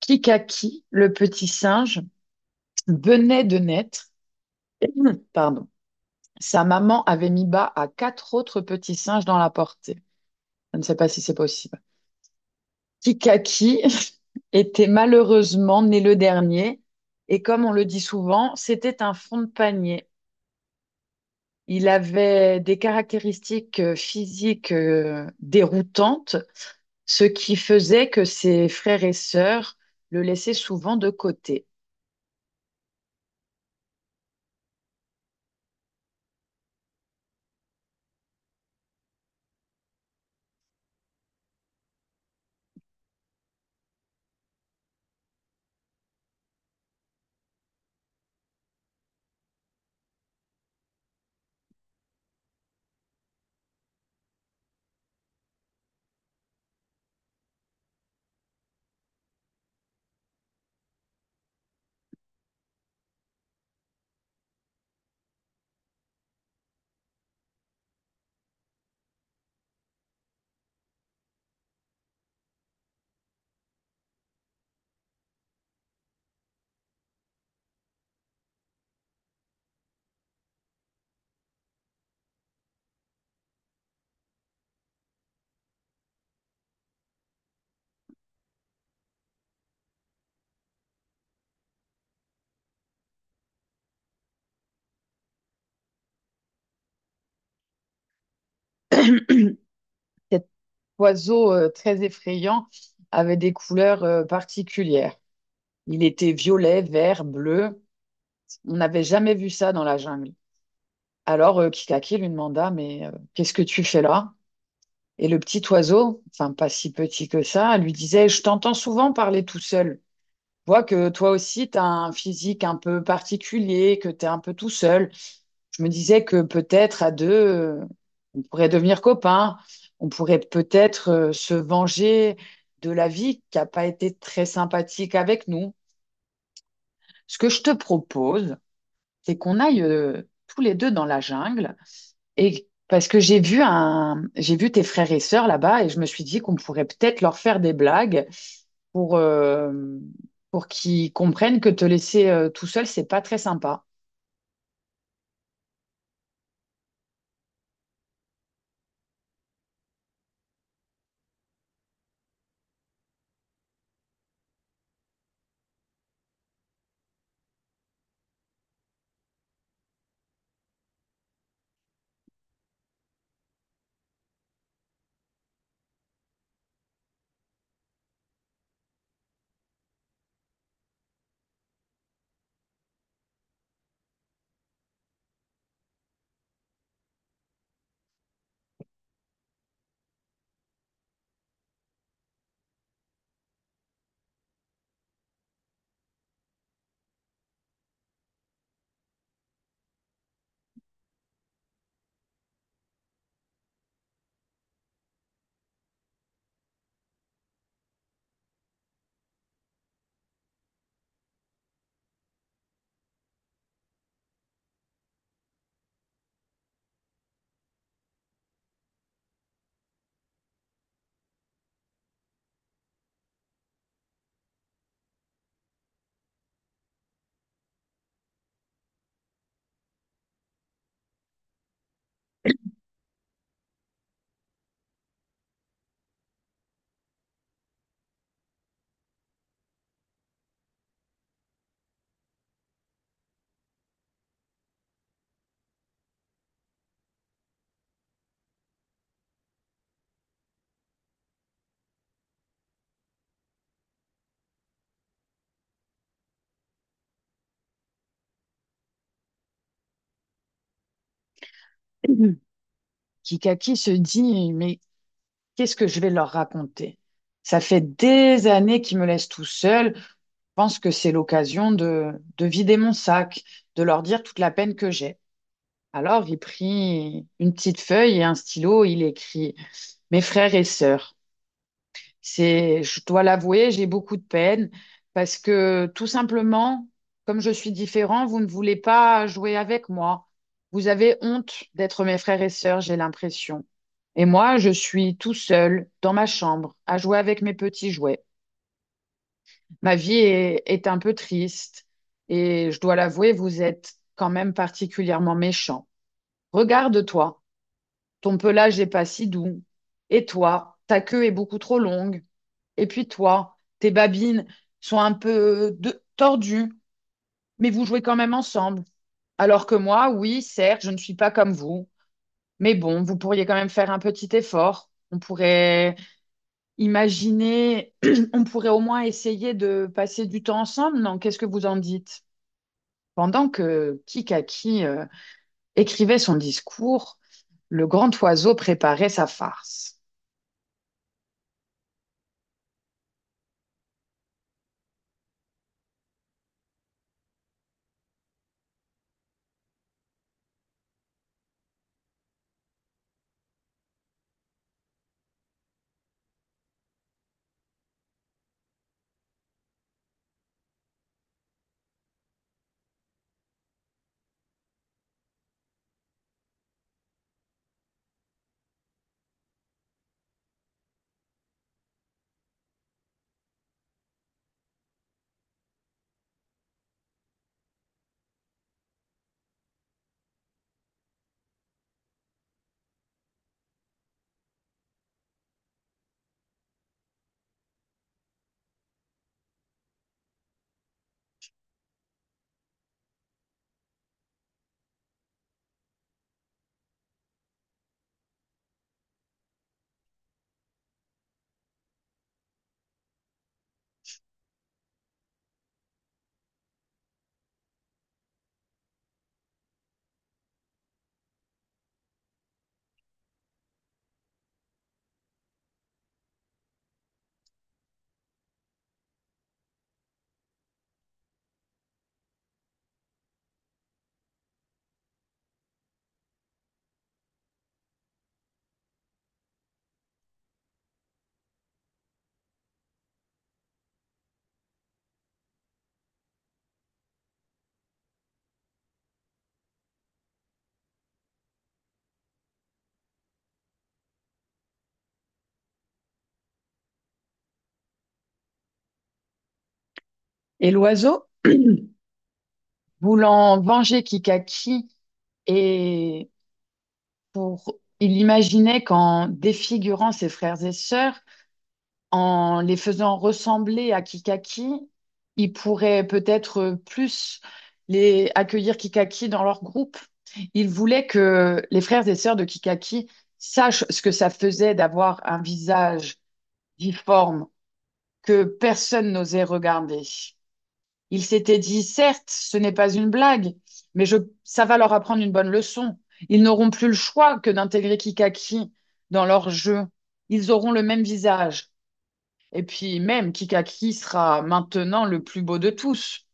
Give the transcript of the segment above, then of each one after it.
Kikaki, le petit singe, venait de naître. Pardon. Sa maman avait mis bas à quatre autres petits singes dans la portée. Je ne sais pas si c'est possible. Kikaki était malheureusement né le dernier et comme on le dit souvent, c'était un fond de panier. Il avait des caractéristiques physiques déroutantes, ce qui faisait que ses frères et sœurs le laissaient souvent de côté. Cette oiseau très effrayant avait des couleurs particulières. Il était violet, vert, bleu. On n'avait jamais vu ça dans la jungle. Alors Kikaki lui demanda, mais qu'est-ce que tu fais là? Et le petit oiseau, enfin pas si petit que ça, lui disait, je t'entends souvent parler tout seul. Je vois que toi aussi, tu as un physique un peu particulier, que tu es un peu tout seul. Je me disais que peut-être à deux, on pourrait devenir copains, on pourrait peut-être se venger de la vie qui n'a pas été très sympathique avec nous. Ce que je te propose, c'est qu'on aille tous les deux dans la jungle et parce que j'ai vu tes frères et sœurs là-bas et je me suis dit qu'on pourrait peut-être leur faire des blagues pour euh, pour qu'ils comprennent que te laisser tout seul, c'est pas très sympa. Kikaki se dit, mais qu'est-ce que je vais leur raconter? Ça fait des années qu'ils me laissent tout seul. Je pense que de vider mon sac, de leur dire toute la peine que j'ai. Alors, il prit une petite feuille et un stylo. Il écrit, mes frères et sœurs, je dois l'avouer, j'ai beaucoup de peine parce que tout simplement, comme je suis différent, vous ne voulez pas jouer avec moi. Vous avez honte d'être mes frères et sœurs, j'ai l'impression. Et moi, je suis tout seul dans ma chambre à jouer avec mes petits jouets. Est un peu triste et je dois l'avouer, vous êtes quand même particulièrement méchant. Regarde-toi. Ton pelage n'est pas si doux. Et toi, ta queue est beaucoup trop longue. Et puis toi, tes babines sont un peu tordues, mais vous jouez quand même ensemble. Alors que moi, oui, certes, je ne suis pas comme vous, mais bon, vous pourriez quand même faire un petit effort. On pourrait imaginer, on pourrait au moins essayer de passer du temps ensemble, non? Qu'est-ce que vous en dites? Pendant que Kikaki écrivait son discours, le grand oiseau préparait sa farce. Et l'oiseau voulant venger Kikaki et pour il imaginait qu'en défigurant ses frères et sœurs, en les faisant ressembler à Kikaki, il pourrait peut-être plus les accueillir Kikaki dans leur groupe. Il voulait que les frères et sœurs de Kikaki sachent ce que ça faisait d'avoir un visage difforme que personne n'osait regarder. Ils s'étaient dit, certes, ce n'est pas une blague, mais je, ça va leur apprendre une bonne leçon. Ils n'auront plus le choix que d'intégrer Kikaki dans leur jeu. Ils auront le même visage. Et puis même, Kikaki sera maintenant le plus beau de tous.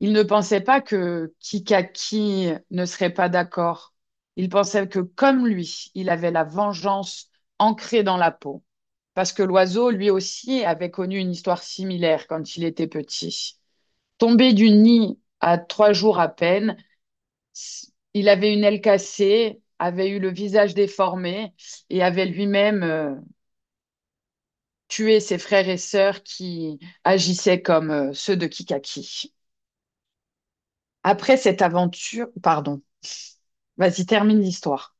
Ils ne pensaient pas que Kikaki ne serait pas d'accord. Ils pensaient que comme lui, il avait la vengeance ancrée dans la peau. Parce que l'oiseau, lui aussi, avait connu une histoire similaire quand il était petit. Tombé du nid à trois jours à peine, il avait une aile cassée, avait eu le visage déformé et avait lui-même tué ses frères et sœurs qui agissaient comme ceux de Kikaki. Après cette aventure, pardon, vas-y, termine l'histoire.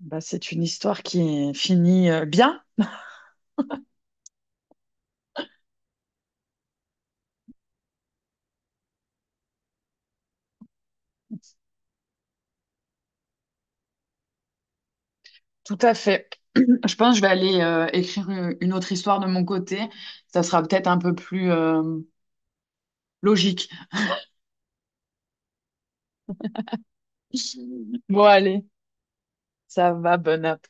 Bah, c'est une histoire qui finit bien, tout à fait. Je pense que je vais aller écrire une autre histoire de mon côté. Ça sera peut-être un peu plus logique. Bon, allez, ça va, bonne app.